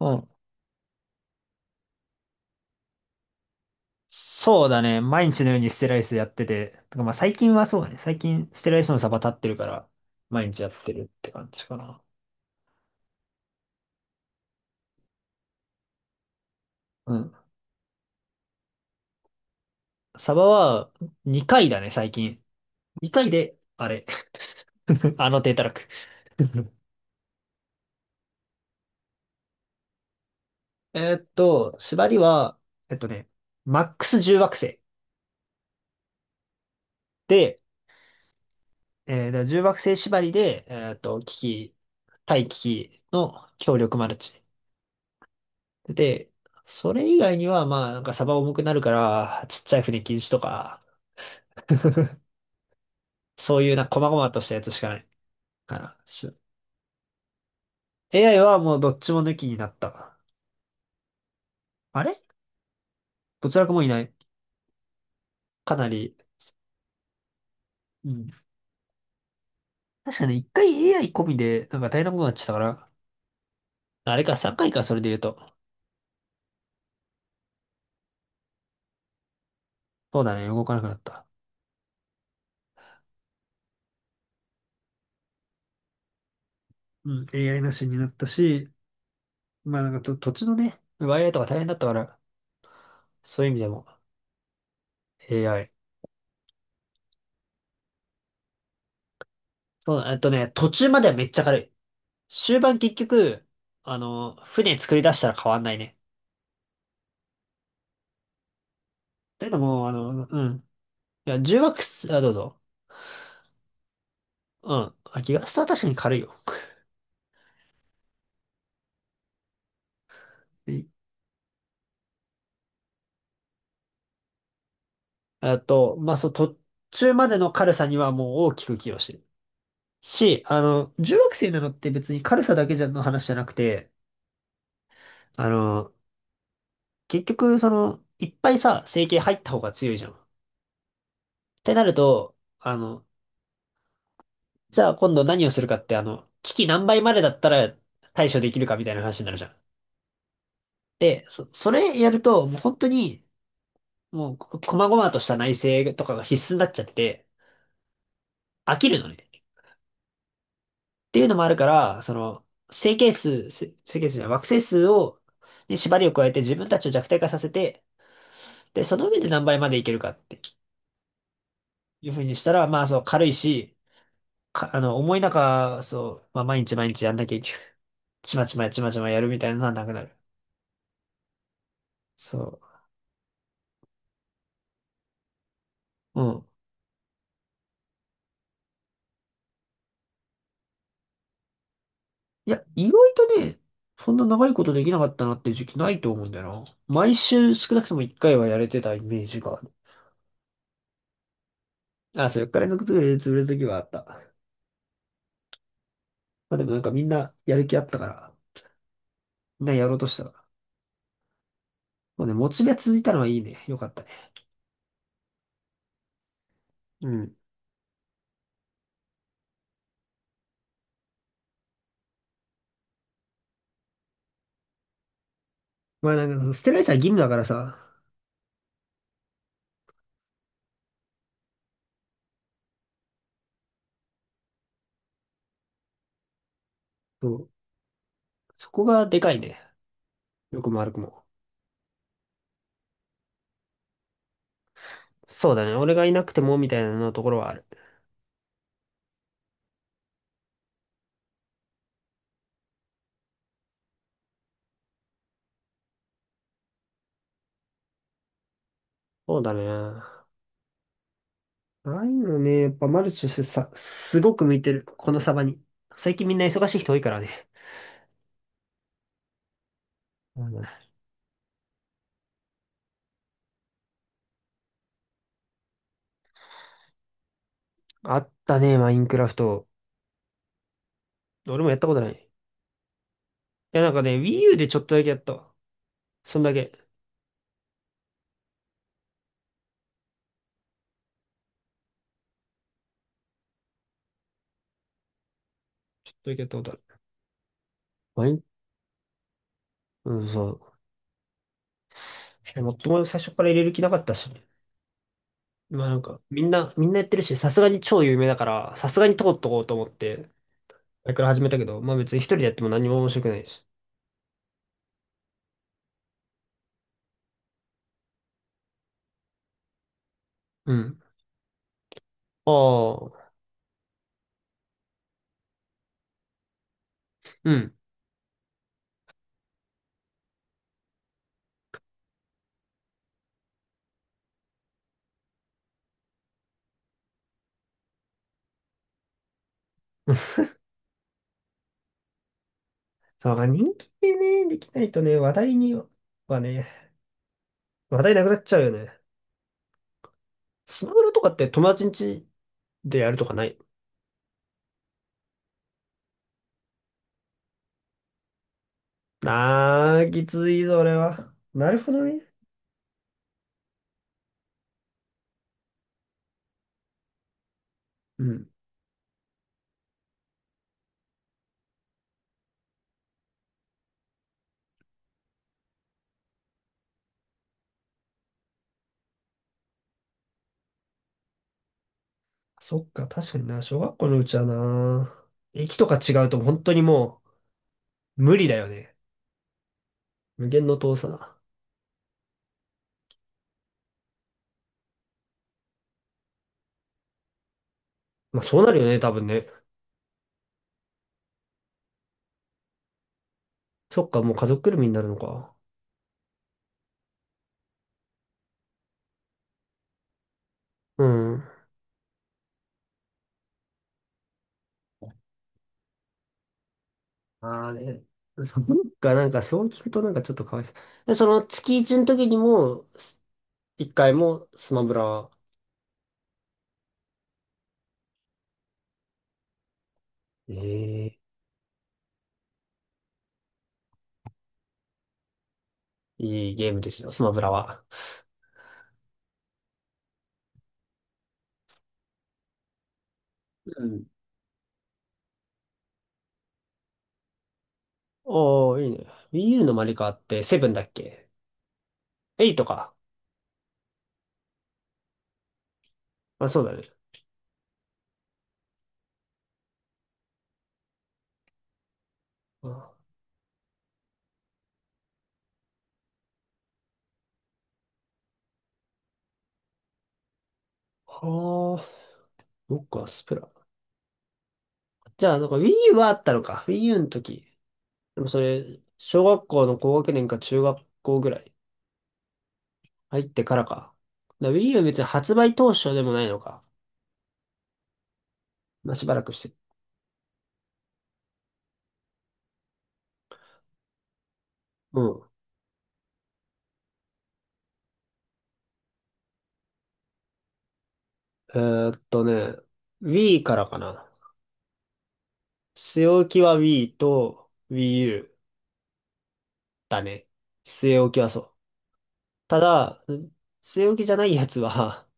うん。そうだね。毎日のようにステライスやってて、とかまあ最近はそうだね。最近ステライスのサバ立ってるから、毎日やってるって感じかな。うん。サバは2回だね、最近。2回で、あれ。あの低たらく。縛りは、えっとね、マックス1惑星で、だから10惑星縛りで、機器、対危機器の強力マルチ。で、それ以外には、まあ、なんかサバ重くなるから、ちっちゃい船禁止とか、そういうな、細々としたやつしかないかな。し AI はもうどっちも抜きになった。あれどちらかもいない。かなり、うん。確かね、一回 AI 込みで、なんか大変なことになっちゃったから、あれか、3回かいか、それで言うと。そうだね、動かなくなった。うん、AI なしになったし、まあなんかと、土地のね、奪い合いとか大変だったから、そういう意味でも AI。そうだ、途中まではめっちゃ軽い。終盤結局、船作り出したら変わんないね。だけどもう、うん。いや、あ、どうぞ。うん。あ、ギガスは確かに軽いよ。いあと、まあ、そう、途中までの軽さにはもう大きく寄与してる。し、重惑星なのって別に軽さだけじゃの話じゃなくて、あの、結局、いっぱいさ、整形入った方が強いじゃん。ってなると、じゃあ今度何をするかって、危機何倍までだったら対処できるかみたいな話になるじゃん。で、それやると、もう本当に、もう、細々とした内政とかが必須になっちゃってて、飽きるのね。っていうのもあるから、整形数、整形数じゃない、惑星数を、に縛りを加えて自分たちを弱体化させて、で、その上で何倍までいけるかっていうふうにしたら、まあ、そう、軽いし、重い中、そう、まあ、毎日毎日やんなきゃいけない。ちまちまやるみたいなのはなくなる。そう。うん。いや、意外とね、そんな長いことできなかったなっていう時期ないと思うんだよな。毎週少なくとも一回はやれてたイメージがある。あ、そう、4日連続潰れる時はあった。まあでもなんかみんなやる気あったから、みんなやろうとしたから。もうね、モチベが続いたのはいいね。よかったね。うん。まあなんか、捨てられたら義務だからさ、そう、そこがでかいね。よくも悪くも。そうだね。俺がいなくてもみたいなのところはある。そうだね。ないうのね。やっぱマルチとしてさ、すごく向いてる。このサバに。最近みんな忙しい人多いからね。うん。あったね、マインクラフト。俺もやったことない。いや、なんかね、Wii U でちょっとだけやったわ。そんだけ。ちょっとだけやったことある。マイン、うん、そう。でもとも最初から入れる気なかったし。まあなんか、みんな、みんなやってるし、さすがに超有名だから、さすがに通っとこうと思って、あれから始めたけど、まあ別に一人でやっても何も面白くないし。うん。ああ、うん。だから人気でね、できないとね、話題にはね、話題なくなっちゃうよね。スマブラとかって友達ん家でやるとかない？あー、きついぞ、俺は。なるほどね。うん。そっか、確かにな、小学校のうちはな、駅とか違うと本当にもう無理だよね。無限の遠さだ。まあそうなるよね、多分ね。そっか、もう家族ぐるみになるのか。うん。ああね。そっか、なんかそう聞くとなんかちょっとかわいそう。で、その月一の時にも、一回もスマブラは、ええ、いいゲームですよ、スマブラは。うん。おー、いいね。Wii U のマリカって7だっけ？8か。まあ、そうだね。あはあ、そっか、スプラ。じゃあ、なんか Wii U はあったのか。Wii U の時。でもそれ、小学校の高学年か中学校ぐらい入ってからか。だから Wii U は別に発売当初でもないのか。まあ、しばらくして。うん。えーっとね、Wii からかな。据え置きは Wii と Wii U だね。据え置きはそう。ただ、据え置きじゃないやつは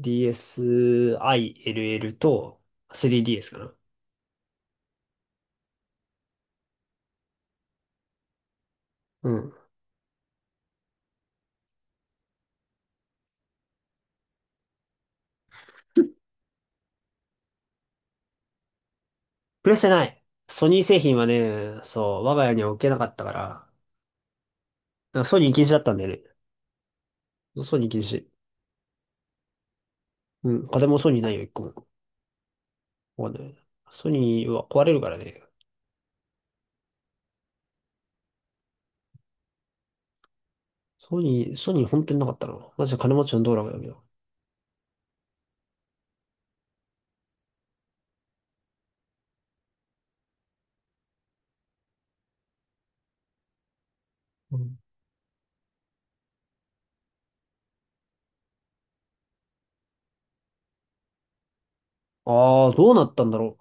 DSiLL と 3DS かな。うん。プレステない。ソニー製品はね、そう、我が家には置けなかったから、あソニー禁止だったんだよね。ソニー禁止。うん、家電もソニーないよ、一個も。わかんない。ソニーは壊れるからね。ソニー、ソニー本当になかったな。マジで金持ちの道路がだけど。うん。ああ、どうなったんだろ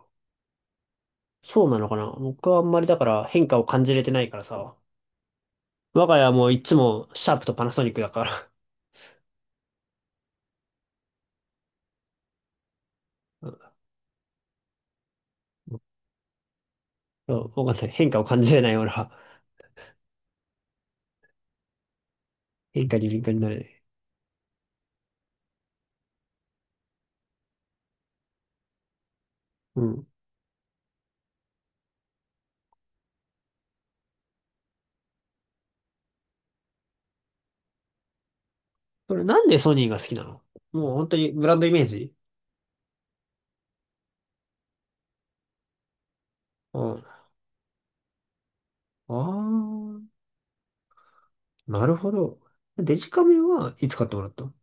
う。そうなのかな。僕はあんまりだから変化を感じれてないからさ。我が家はもういつもシャープとパナソニックだから。うんうんわかんない。変化を感じれないような変化に敏感になるね。うん。それなんでソニーが好きなの？もう本当にブランドイメージ？うん。ああ、なるほど。デジカメはいつ買ってもらったの？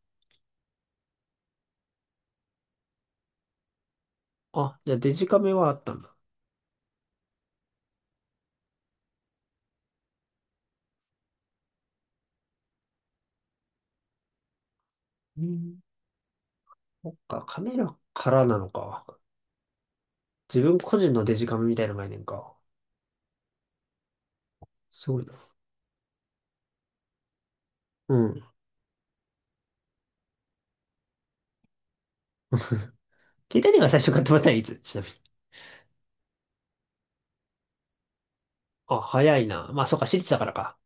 あ、じゃあデジカメはあったんだ。うん。そっか、カメラからなのか。自分個人のデジカメみたいな概念か。すごいな。うん。携帯電話最初買ってもらったのいつちなみに？あ、早いな。まあ、そっか、私立だからか。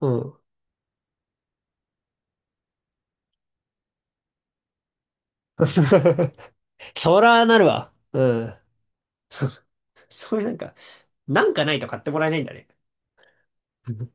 うん。そらなるわ。うん。そ、そういうなんか、なんかないと買ってもらえないんだね。うん